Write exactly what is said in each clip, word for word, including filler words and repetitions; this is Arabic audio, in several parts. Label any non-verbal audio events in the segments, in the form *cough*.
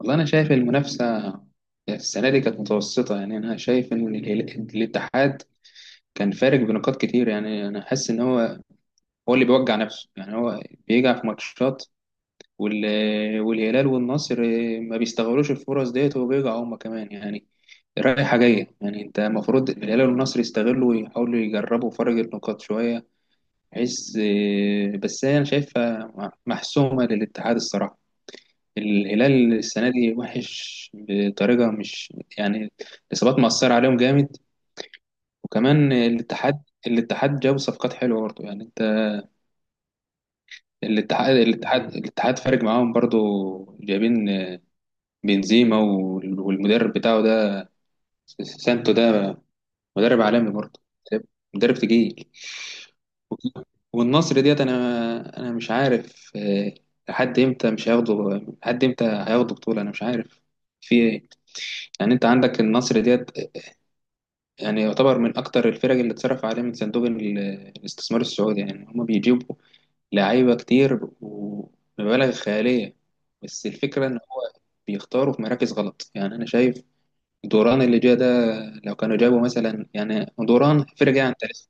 والله أنا شايف المنافسة السنة دي كانت متوسطة، يعني أنا شايف إن ال- الاتحاد كان فارق بنقاط كتير. يعني أنا حاسس إن هو هو اللي بيوجع نفسه، يعني هو بيجع في ماتشات، وال- والهلال والنصر ما بيستغلوش الفرص ديت وبيجعوا هما كمان. يعني رايحة جاية، يعني أنت المفروض الهلال والنصر يستغلوا ويحاولوا يجربوا فرق النقاط شوية بحيث، بس أنا شايفها محسومة للاتحاد الصراحة. الهلال السنة دي وحش بطريقة مش يعني. الإصابات مأثرة عليهم جامد، وكمان الاتحاد الاتحاد جاب صفقات حلوة برضه يعني انت. الاتحاد الاتحاد الاتحاد فارق معاهم برضه. جايبين بنزيما وال- والمدرب بتاعه ده، سانتو ده، مدرب عالمي برضه، مدرب تقيل. والنصر ديت انا انا مش عارف، آه، لحد امتى مش هياخدوا، لحد امتى هياخدوا بطولة انا مش عارف في ايه. يعني انت عندك النصر ديت يعني يعتبر من أكتر الفرق اللي اتصرف عليه من صندوق ال- الاستثمار السعودي. يعني هما بيجيبوا لعيبة كتير ومبالغ خيالية، بس الفكرة إن هما بيختاروا في مراكز غلط. يعني أنا شايف دوران اللي جه ده، لو كانوا جابوا مثلا يعني دوران فرق عن تاليسكا.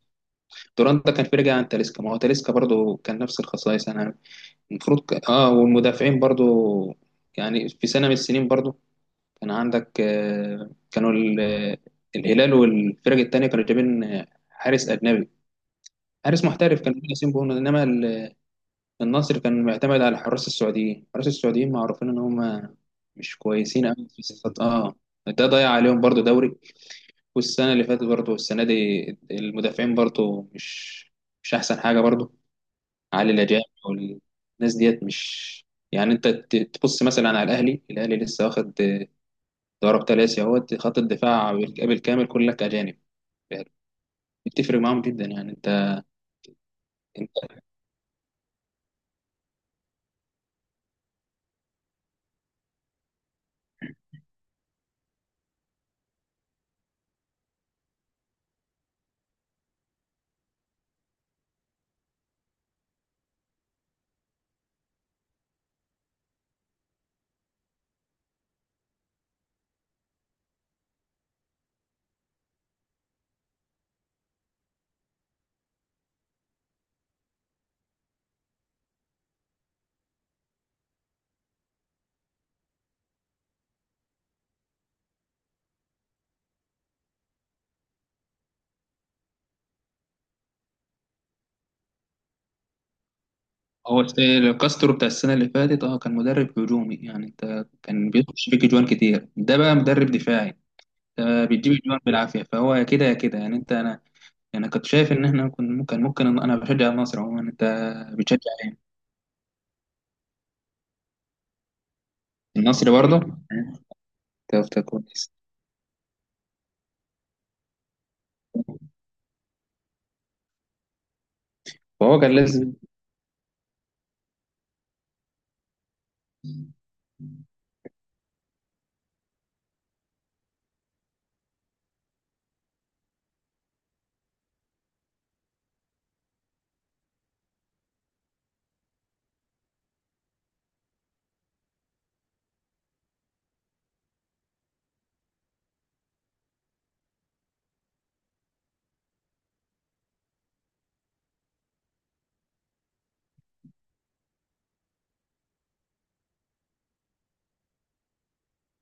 دوران ده كان فرق عن تاليسكا، ما هو تاليسكا برضه كان نفس الخصائص يعني. المفروض ك... اه والمدافعين برضه، يعني في سنة من السنين برضه كان عندك، آه، كانوا ال- آه، الهلال والفرق التانية كانوا جايبين آه، حارس أجنبي، حارس محترف كان ياسين بونو. إنما ال- النصر كان معتمد على حراس السعوديين. حراس السعوديين معروفين إن هم مش كويسين أوي في الصفات. آه ده ضيع عليهم برضو دوري، والسنة اللي فاتت برضو، والسنة دي المدافعين برضو مش مش أحسن حاجة برضو علي الأجانب، والناس ديت مش يعني. أنت ت- تبص مثلا على الأهلي. الأهلي لسه واخد ضرب ثلاثي اهوت خط الدفاع بالكامل، كلك اجانب بتفرق معاهم جدا يعني انت انت. هو ست- كاسترو بتاع السنه اللي فاتت، اه كان مدرب هجومي يعني انت، كان بيخش فيك جوان كتير. ده بقى مدرب دفاعي، ده بيجيب جوان بالعافيه، فهو يا كده يا كده يعني انت انا. يعني كنت شايف ان احنا كنا ممكن ممكن. انا بشجع النصر عموما، انت بتشجع ايه؟ النصر برضه، انت أنت كويس. فهو كان لازم.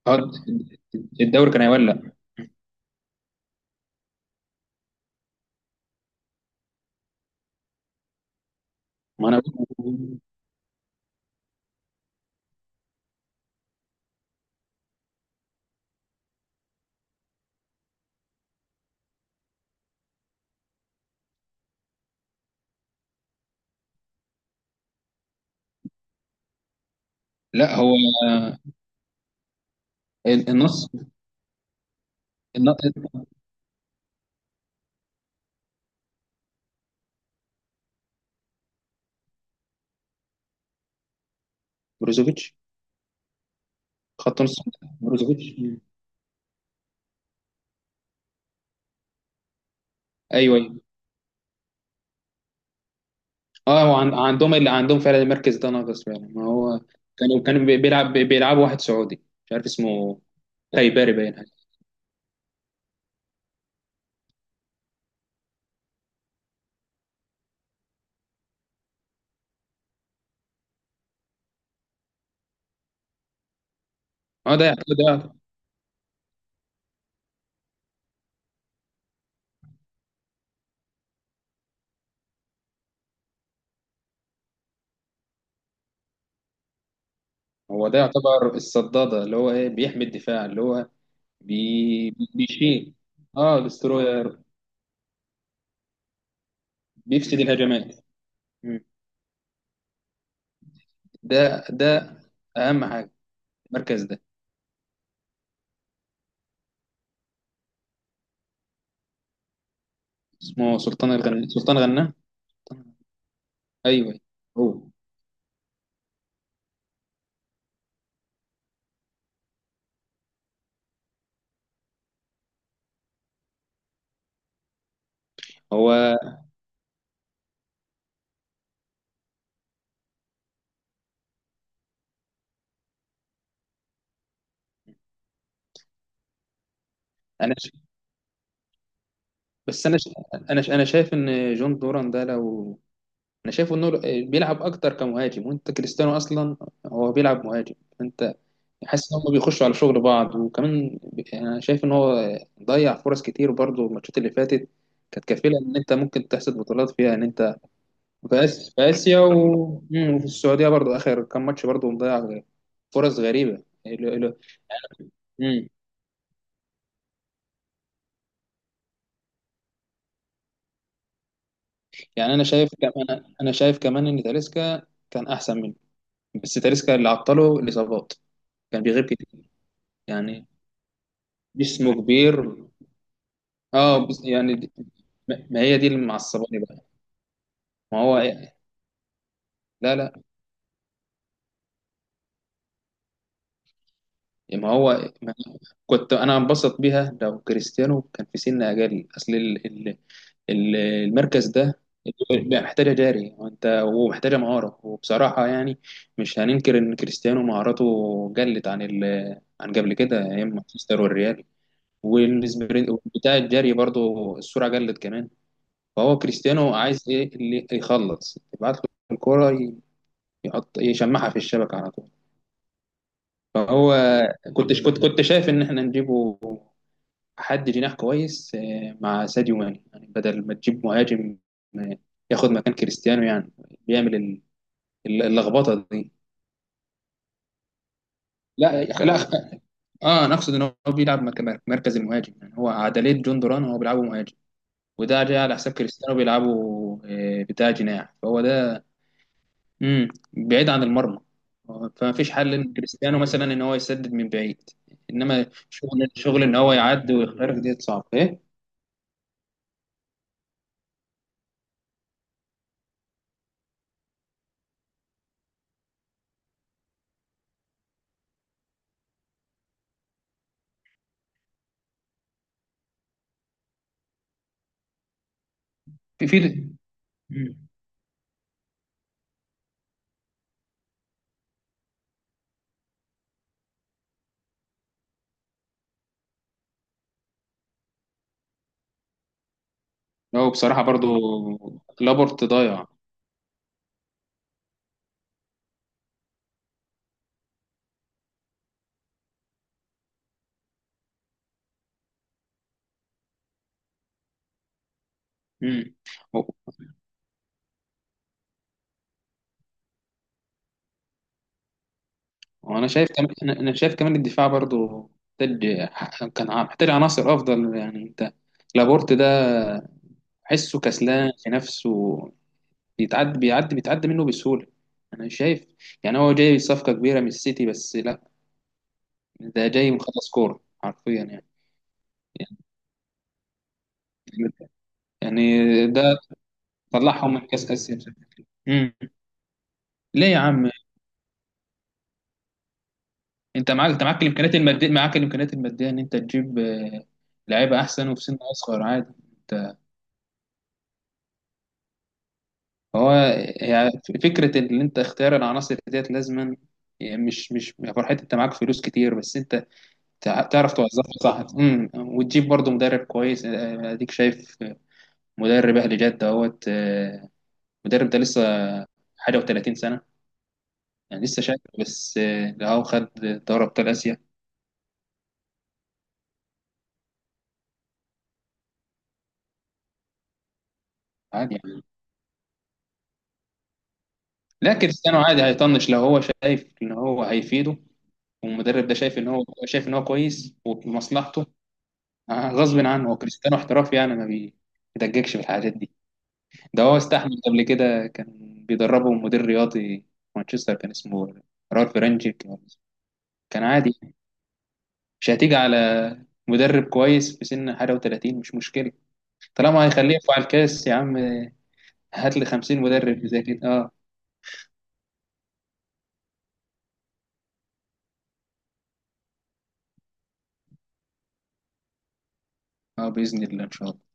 اه الدوري كان هيولع. ما انا، لا هو ال- النص الن- بروزوفيتش، خط نص. بروزوفيتش. مم. ايوه، ايوه. اه هو عن- عندهم، اللي عندهم فعلا المركز ده ناقص فعلا. ما هو كانوا كانوا بي- بيلعب بي- بيلعبوا واحد سعودي مش عارف اسمه. خيباري باين حاجه. اه ده يعتبر ده هو ده يعتبر الصداده اللي هو ايه بيحمي الدفاع اللي هو بي بيشيل. اه، دستروير بيفسد الهجمات. مم. ده ده اهم حاجه المركز ده. اسمه سلطان الغنا، سلطان غنا. ايوه. هو هو انا، بس انا ش... انا ش... انا شايف ان جون دوران ده، لو انا شايفه انه بيلعب اكتر كمهاجم، وانت كريستيانو اصلا هو بيلعب مهاجم. انت حاسس ان هم بيخشوا على شغل بعض. وكمان ب- انا شايف ان هو ضيع فرص كتير برضه، الماتشات اللي فاتت كانت كفيله ان انت ممكن تحصد بطولات فيها، ان انت في آس- في اسيا و... مم، وفي السعوديه برضه اخر كام ماتش برضه مضيع فرص غريبه ال- ال- مم. يعني انا شايف كمان انا شايف كمان ان تاليسكا كان احسن منه، بس تاليسكا اللي عطله الإصابات، كان بيغيب كتير. يعني جسمه كبير. اه بس يعني دي- ما ما هي دي اللي معصباني بقى. ما هو إيه؟ لا، لا. يعني ما هو ما كنت انا انبسط بيها لو كريستيانو كان في سن اجل. اصل ال- ال- ال- المركز ده بقى محتاجه جاري وانت، ومحتاجه مهاره. وبصراحه يعني مش هننكر ان كريستيانو مهاراته قلت عن ال عن قبل كده ايام مانشستر والريال، والسبرنت بتاع الجري برضو السرعه قلت كمان. فهو كريستيانو عايز ايه اللي يخلص يبعت له الكرة، ي- يحط يشمعها في الشبكة على طول. فهو كنت كنت كنت شايف ان احنا نجيبه حد جناح كويس، آه، مع ساديو ماني، يعني بدل ما تجيب مهاجم آه، ياخد مكان كريستيانو. يعني بيعمل ال- ال- اللخبطة دي. لا، لا. *laughs* اه، انا اقصد ان هو بيلعب مك- مك- مركز المهاجم. يعني هو عدلية جون دوران هو بيلعبه مهاجم، وده جاي على حساب كريستيانو بيلعبه آه، بتاع جناح، فهو ده. امم. بعيد عن المرمى. فما فيش حل ان كريستيانو مثلا ان هو يسدد من بعيد، انما شغل شغل ان هو يعدي ويخترق ديت صعب ايه. في في مم. هو بصراحه برضو لابورت ضايع. امم. وانا شايف كمان انا أنا شايف كمان الدفاع برضو محتاج، كان ع- محتاج عناصر افضل يعني انت. لابورت ده حسه كسلان في نفسه، بيتعدي بيعدي بيتعدي منه بسهوله. انا شايف يعني هو جاي صفقه كبيره من السيتي، بس لا، ده جاي مخلص كورة حرفيا يعني. يعني يعني ده طلعهم من كأس آسيا بشكل كبير. امم. ليه يا عم؟ انت معاك انت معاك الامكانيات المادية، معاك الامكانيات المادية ان انت تجيب آه، لعيبة احسن وفي سن اصغر عادي. انت هو يعني فكرة ان انت اختيار العناصر ديت لازما. يعني مش مش يا فرحتي انت معاك فلوس كتير، بس انت تع- تعرف توظفها صح. امم وتجيب برضه مدرب كويس، آه، اديك شايف، آه، مدرب اهلي جدة اهوت. آه، المدرب ده لسه حاجة و30 سنة، يعني لسه شايف بس آه، لو هو خد دوري ابطال اسيا عادي يعني. لا كريستيانو عادي هيطنش لو هو شايف ان هو هيفيده، والمدرب ده شايف ان هو شايف ان هو كويس وفي مصلحته. آه، غصب عنه، هو كريستيانو احترافي يعني ما بيدققش في الحاجات دي. ده هو استحمل قبل كده، كان بيدربه مدير رياضي في مانشستر كان اسمه رالف رانجيك. كان عادي. مش هتيجي على مدرب كويس في سن حاجه و30 مش مشكله، طالما هيخليه يرفع الكاس. يا عم هات لي خمسين مدرب زي كده آه. اه، بإذن الله إن شاء الله.